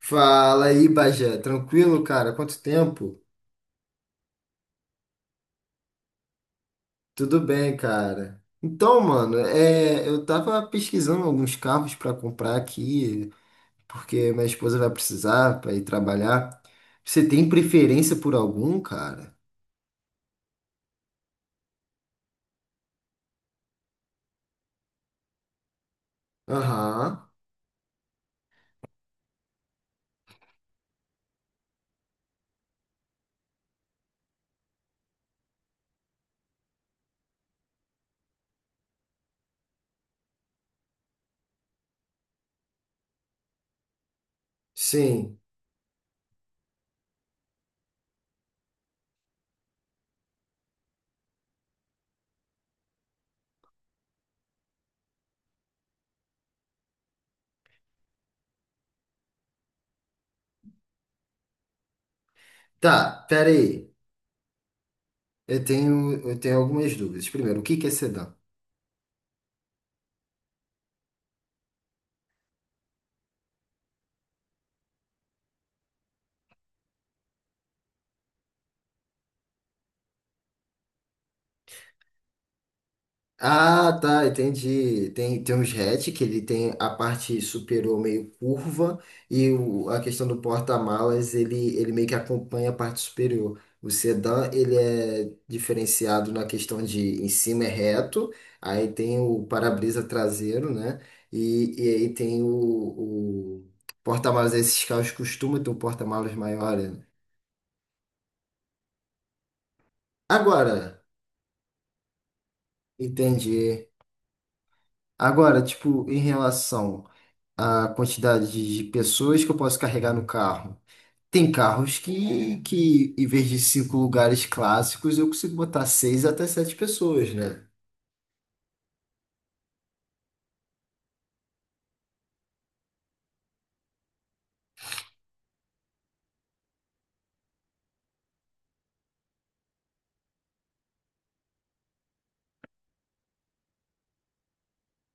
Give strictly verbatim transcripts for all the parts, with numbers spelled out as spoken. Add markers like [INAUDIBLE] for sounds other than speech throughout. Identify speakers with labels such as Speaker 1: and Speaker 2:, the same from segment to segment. Speaker 1: Fala aí, Bagé. Tranquilo, cara? Quanto tempo? Tudo bem, cara. Então, mano, é, eu tava pesquisando alguns carros pra comprar aqui, porque minha esposa vai precisar pra ir trabalhar. Você tem preferência por algum, cara? Aham, sim. Tá, pera aí. Eu tenho, eu tenho algumas dúvidas. Primeiro, o que que é sedã? Ah, tá, entendi. Tem, tem uns hatch que ele tem a parte superior meio curva e o- a questão do porta-malas, ele, ele meio que acompanha a parte superior. O sedã, ele é diferenciado na questão de em cima é reto, aí tem o para-brisa traseiro, né? E, e aí tem o, o porta-malas, esses carros costumam ter um porta-malas maior, né? Agora, entendi. Agora, tipo, em relação a quantidade de de pessoas que eu posso carregar no carro. Tem carros que, que em vez de cinco lugares clássicos, eu consigo botar seis até sete pessoas, né?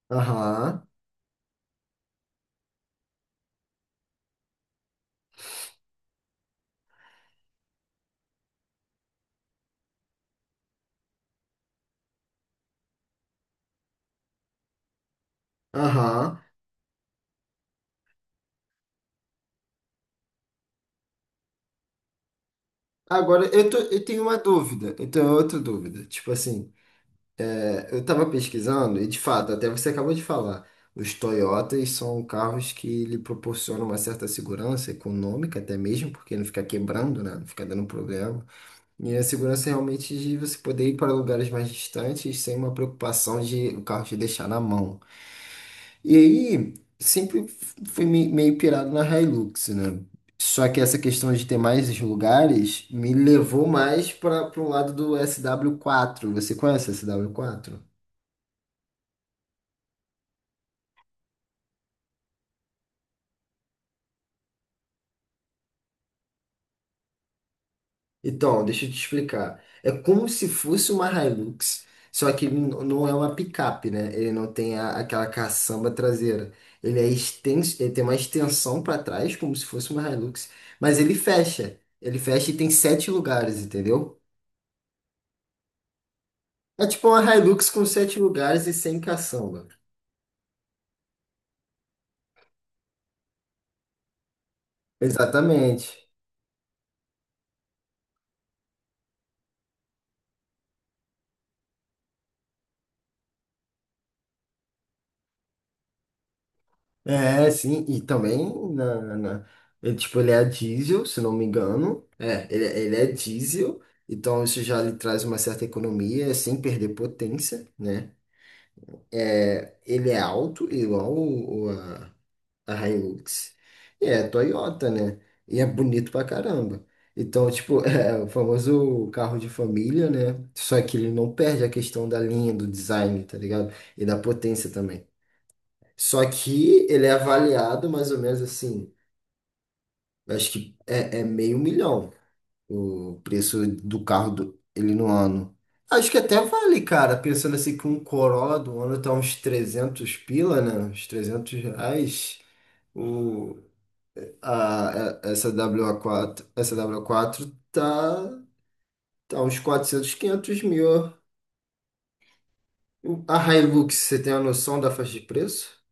Speaker 1: Aham, aham. Agora, eu, tô- eu tenho uma dúvida, eu tenho outra dúvida. Tipo assim, é, eu tava pesquisando e, de fato, até você acabou de falar, os Toyotas são carros que lhe proporcionam uma certa segurança econômica até mesmo, porque não fica quebrando, né? Não fica dando problema. E a segurança realmente de você poder ir para lugares mais distantes sem uma preocupação de o carro te deixar na mão. E aí, sempre fui me- meio pirado na Hilux, né? Só que essa questão de ter mais os lugares me levou mais para o lado do sw quatro. Você conhece o sw quatro? Então, deixa eu te explicar. É como se fosse uma Hilux, só que ele n- não é uma picape, né? Ele não tem a- aquela caçamba traseira. Ele é extenso, ele tem uma extensão para trás, como se fosse uma Hilux, mas ele fecha. Ele fecha e tem sete lugares, entendeu? É tipo uma Hilux com sete lugares e sem caçamba. Exatamente. É, sim, e também na, na- ele, tipo, ele é diesel, se não me engano. É, ele, ele é diesel, então isso já lhe traz uma certa economia sem perder potência, né? É, ele é alto, igual o, o- a, a Hilux, e é Toyota, né? E é bonito pra caramba. Então, tipo, [LAUGHS] é o famoso carro de família, né? Só que ele não perde a questão da linha, do design, tá ligado? E da potência também. Só que ele é avaliado mais ou menos assim. Acho que é, é meio milhão o preço do carro do, ele no ano. Acho que até vale, cara. Pensando assim que um Corolla do ano tá uns trezentos pila, né? Uns trezentos reais. O, a, a- essa wa quatro essa wa quatro tá, tá uns quatrocentos quinhentos mil. A Hilux, você tem a noção da faixa de preço?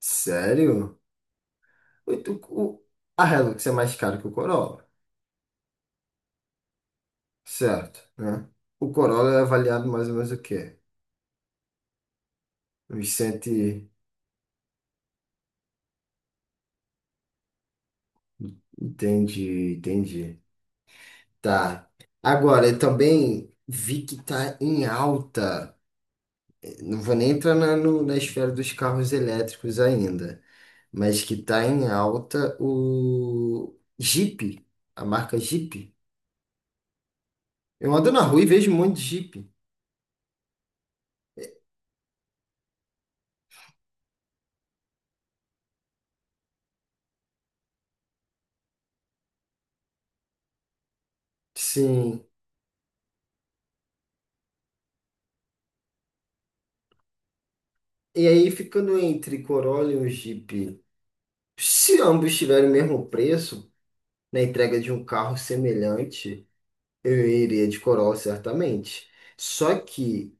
Speaker 1: Sério? O, o- a Hilux é mais cara que o Corolla, certo, né? O Corolla é avaliado mais ou menos o quê? Os sete. Entendi, entendi. Tá. Agora, eu também vi que tá em alta. Não vou nem entrar na, no- na esfera dos carros elétricos ainda, mas que tá em alta o Jeep, a marca Jeep. Eu ando na rua e vejo um monte de Jeep. Sim. E aí, ficando entre Corolla e um Jeep, se ambos tiverem o mesmo preço na entrega de um carro semelhante. Eu iria de Coral, certamente. Só que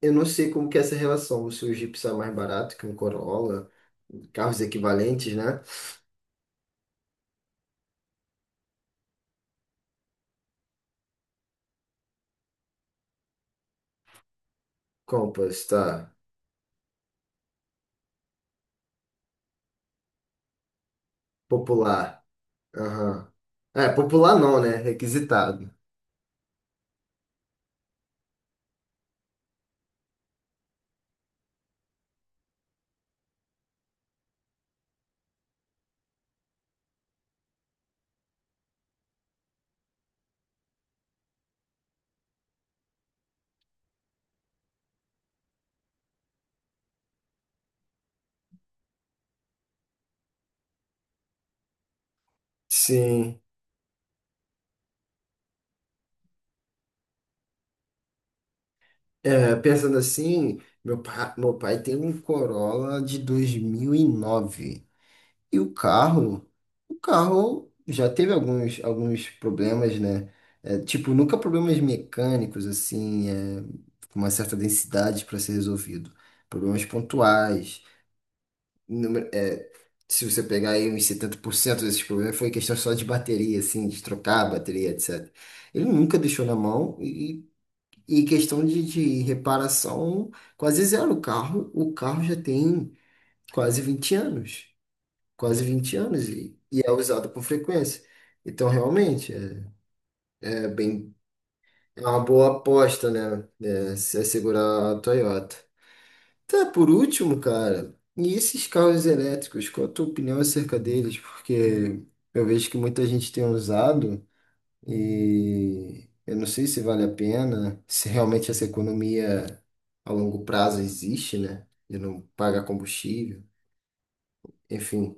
Speaker 1: eu não sei como que é essa relação, se o Jeep sai mais barato que um Corolla, carros equivalentes, né? Compass, tá. Popular. Aham. É, popular não, né? Requisitado. Sim. É, pensando assim, meu pai, meu pai tem um Corolla de dois mil e nove. E o carro, o carro já teve alguns, alguns problemas, né? É, tipo, nunca problemas mecânicos, assim, é, com uma certa densidade para ser resolvido. Problemas pontuais. Número- é, se você pegar aí uns setenta por cento desses problemas, foi questão só de bateria, assim, de trocar a bateria, etcétera. Ele nunca deixou na mão e, e questão de, de reparação, quase zero. O carro, o carro já tem quase vinte anos quase vinte anos e, e é usado com frequência. Então, realmente, é, é bem, é uma boa aposta, né? É, se assegurar a Toyota. Tá, por último, cara, e esses carros elétricos, qual a tua opinião acerca deles? Porque eu vejo que muita gente tem usado e eu não sei se vale a pena, se realmente essa economia a longo prazo existe, né? De não pagar combustível, enfim,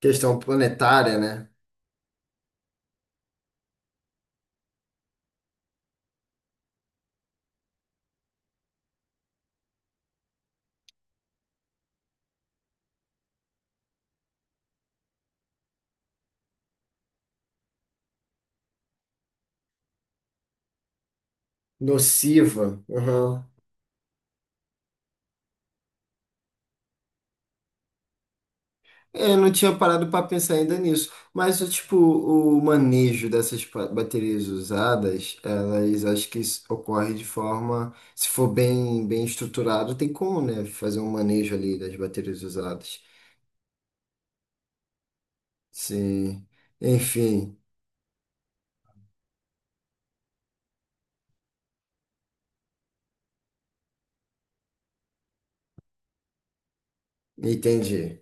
Speaker 1: questão planetária, né? Nociva. Aham. É, não tinha parado para pensar ainda nisso. Mas, o tipo, o manejo dessas pa- baterias usadas, elas acho que isso ocorre de forma, se for bem, bem estruturado, tem como, né? Fazer um manejo ali das baterias usadas. Sim. Enfim, entendi.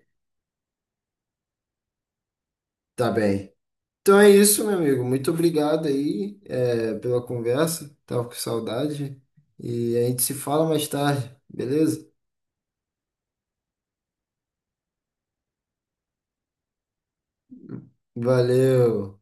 Speaker 1: Tá bem. Então é isso, meu amigo. Muito obrigado aí, é, pela conversa. Tava com saudade. E a gente se fala mais tarde, beleza? Valeu.